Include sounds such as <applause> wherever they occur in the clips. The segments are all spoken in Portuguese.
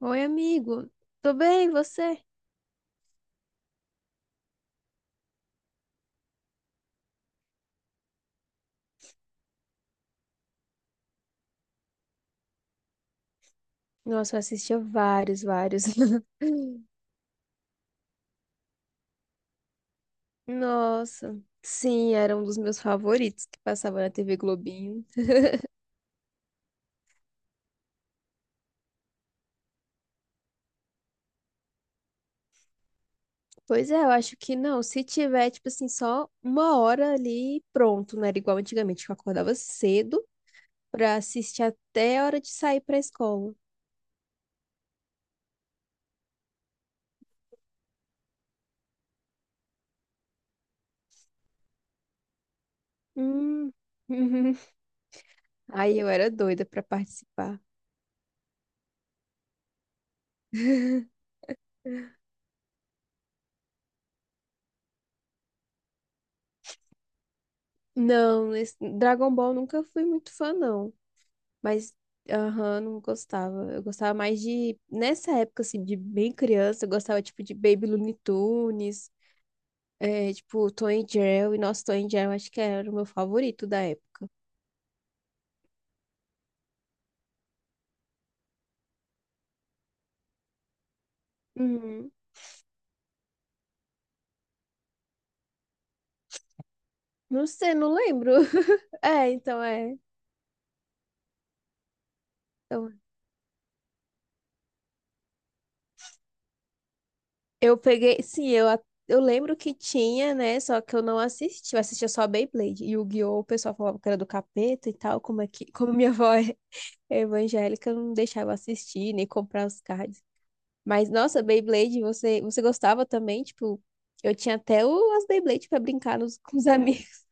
Oi, amigo. Tô bem, e você? Nossa, eu assistia vários, vários. <laughs> Nossa. Sim, era um dos meus favoritos que passava na TV Globinho. Pois é, eu acho que não. Se tiver, tipo assim, só uma hora ali, pronto. Não era igual antigamente, que eu acordava cedo pra assistir até a hora de sair pra escola. Hum. <laughs> Aí eu era doida pra participar. Não, Dragon Ball nunca fui muito fã, não. Mas, aham, não gostava. Eu gostava mais de. Nessa época, assim, de bem criança, eu gostava, tipo, de Baby Looney Tunes, é, tipo, Tom e Jerry. Nossa, Tom e Jerry, eu acho que era o meu favorito da época. Uhum. Não sei, não lembro. <laughs> É. Então, eu peguei. Sim, eu lembro que tinha, né? Só que eu não assisti. Eu assistia só Beyblade. E o Yu-Gi-Oh! O pessoal falava que era do capeta e tal. Como é que. Como minha avó é evangélica, eu não deixava assistir, nem comprar os cards. Mas, nossa, Beyblade, você gostava também? Tipo, eu tinha até o, as Beyblade pra brincar nos, <laughs> com os amigos.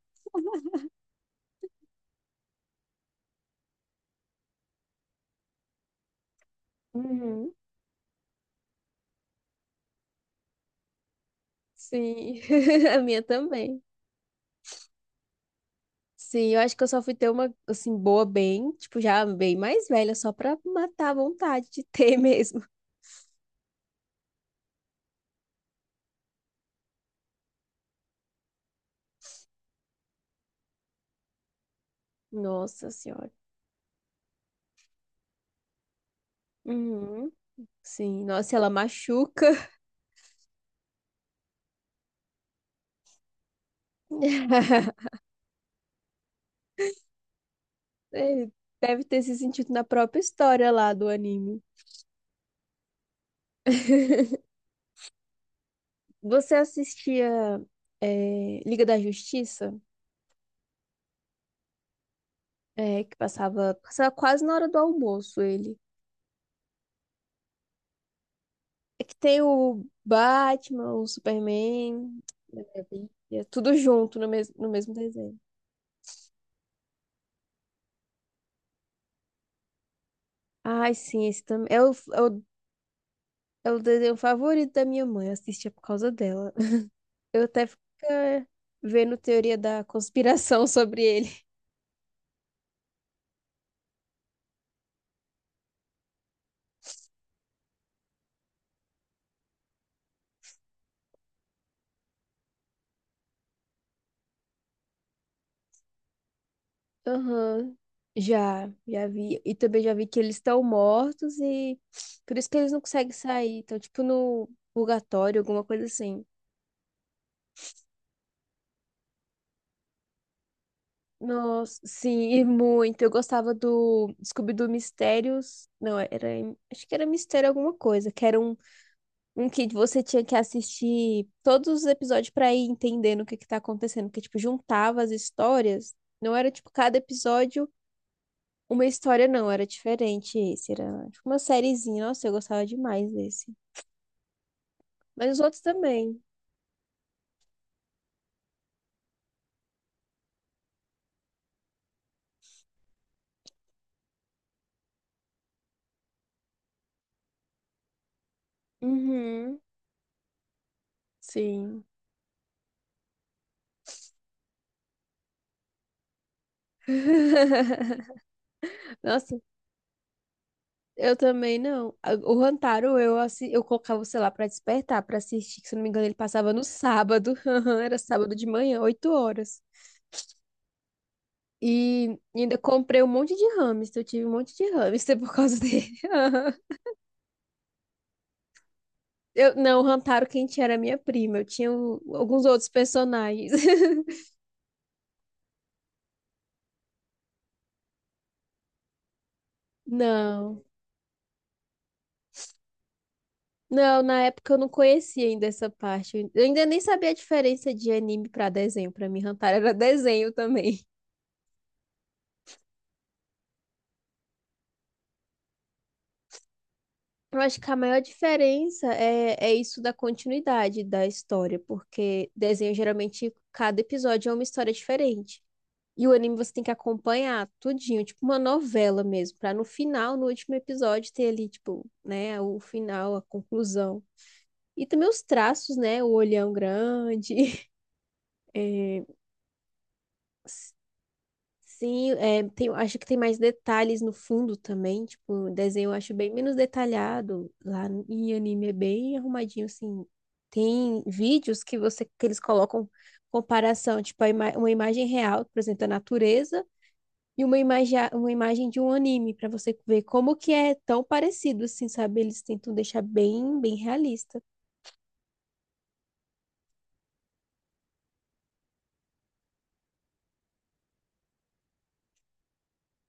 Uhum. Sim, <laughs> a minha também. Sim, eu acho que eu só fui ter uma, assim, boa bem, tipo, já bem mais velha, só pra matar a vontade de ter <laughs> mesmo. Nossa senhora. Uhum. Sim, nossa, ela machuca. <laughs> É, deve ter se sentido na própria história lá do anime. <laughs> Você assistia, Liga da Justiça? É, que passava, passava quase na hora do almoço ele. É que tem o Batman, o Superman, Maravilha, tudo junto no mesmo desenho. Ai, sim, esse também. É o desenho favorito da minha mãe, eu assistia por causa dela. Eu até fico eh, vendo teoria da conspiração <laughs> sobre ele. Aham. Já vi. E também já vi que eles estão mortos e por isso que eles não conseguem sair. Estão tipo no purgatório, alguma coisa assim. Nossa, sim, e muito. Eu gostava do Scooby-Doo Mistérios. Não, era. Acho que era Mistério alguma coisa. Que era um que você tinha que assistir todos os episódios pra ir entendendo o que que tá acontecendo. Porque, tipo, juntava as histórias. Não era, tipo, cada episódio uma história, não. Era diferente esse. Era, tipo, uma sériezinha. Nossa, eu gostava demais desse. Mas os outros também. Uhum, sim. <laughs> Nossa, eu também não. O Rantaro, eu colocava, sei lá, pra despertar, pra assistir, que se eu não me engano, ele passava no sábado. <laughs> Aham, era sábado de manhã, 8 horas. E ainda comprei um monte de hamster. Eu tive um monte de hamster <laughs> por causa dele. <laughs> Aham. Eu, não, o Rantaro, quem tinha era minha prima. Eu tinha alguns outros personagens. <laughs> Não. Não, na época eu não conhecia ainda essa parte. Eu ainda nem sabia a diferença de anime pra desenho. Pra mim, Rantaro era desenho também. Eu acho que a maior diferença é isso da continuidade da história, porque desenho geralmente cada episódio é uma história diferente. E o anime você tem que acompanhar tudinho, tipo uma novela mesmo, pra no final, no último episódio, ter ali, tipo, né, o final, a conclusão. E também os traços, né? O olhão grande, <laughs> é, Sim, é, tem, acho que tem mais detalhes no fundo também. Tipo, o desenho eu acho bem menos detalhado. Lá em anime é bem arrumadinho, assim. Tem vídeos que você que eles colocam comparação, tipo, uma imagem real, por exemplo, da natureza, e uma imagem de um anime, para você ver como que é tão parecido, assim, sabe? Eles tentam deixar bem, bem realista.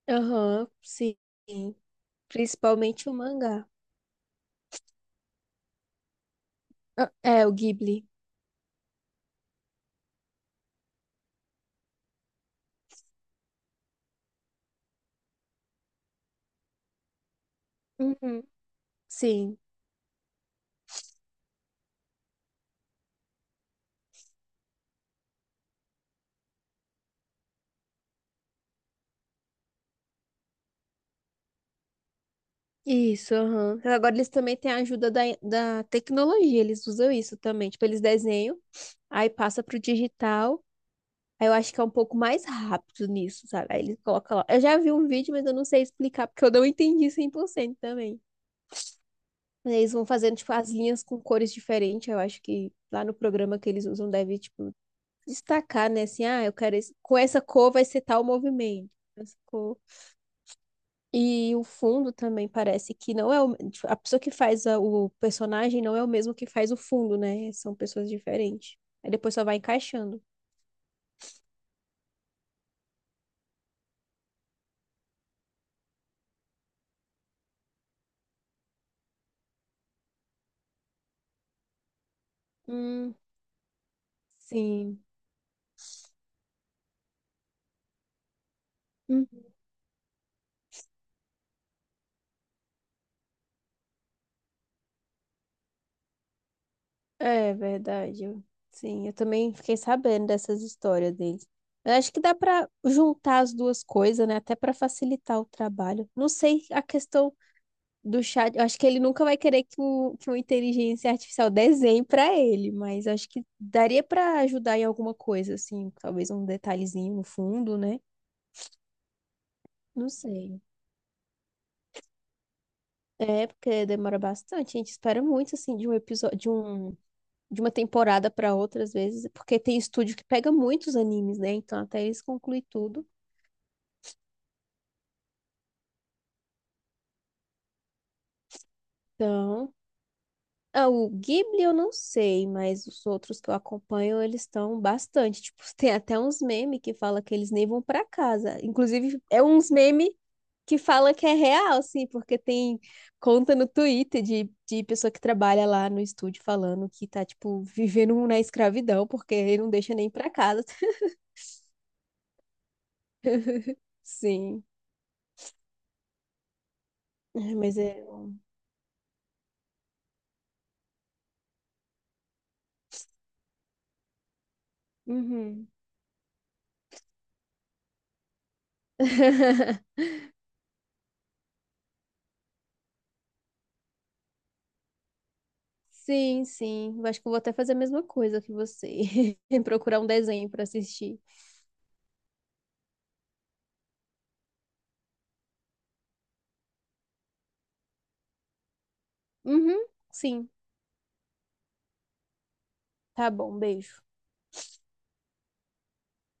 Aham, sim. Principalmente o mangá. Ah, é, o Ghibli. Uhum. Sim. Isso, aham. Agora eles também têm a ajuda da tecnologia, eles usam isso também. Tipo, eles desenham, aí passa pro digital. Aí eu acho que é um pouco mais rápido nisso, sabe? Aí eles colocam lá. Eu já vi um vídeo, mas eu não sei explicar, porque eu não entendi 100% também. Eles vão fazendo, tipo, as linhas com cores diferentes. Eu acho que lá no programa que eles usam deve, tipo, destacar, né? Assim, ah, eu quero esse com essa cor vai ser tal movimento. Essa cor E o fundo também parece que não é o, tipo, a pessoa que faz o personagem não é o mesmo que faz o fundo, né? São pessoas diferentes. Aí depois só vai encaixando. Hum, sim. Hum. É verdade. Sim, eu também fiquei sabendo dessas histórias deles. Eu acho que dá pra juntar as duas coisas, né? Até pra facilitar o trabalho. Não sei a questão do chat. Eu acho que ele nunca vai querer que, que uma inteligência artificial desenhe pra ele, mas acho que daria pra ajudar em alguma coisa, assim, talvez um detalhezinho no fundo, né? Não sei. É, porque demora bastante. A gente espera muito, assim, de um episódio, de um, de uma temporada pra outra, às vezes, porque tem estúdio que pega muitos animes, né? Então, até eles concluem tudo. Então, ah, o Ghibli eu não sei, mas os outros que eu acompanho, eles estão bastante. Tipo, <laughs> tem até uns memes que fala que eles nem vão pra casa. Inclusive, é uns memes que fala que é real, assim, porque tem conta no Twitter de pessoa que trabalha lá no estúdio falando que tá, tipo, vivendo na escravidão, porque ele não deixa nem pra casa. Sim, é, mas é. Um, Uhum. <laughs> Sim, sim. Eu acho que eu vou até fazer a mesma coisa que você. <laughs> Procurar um desenho pra assistir. Uhum, sim. Tá bom, beijo.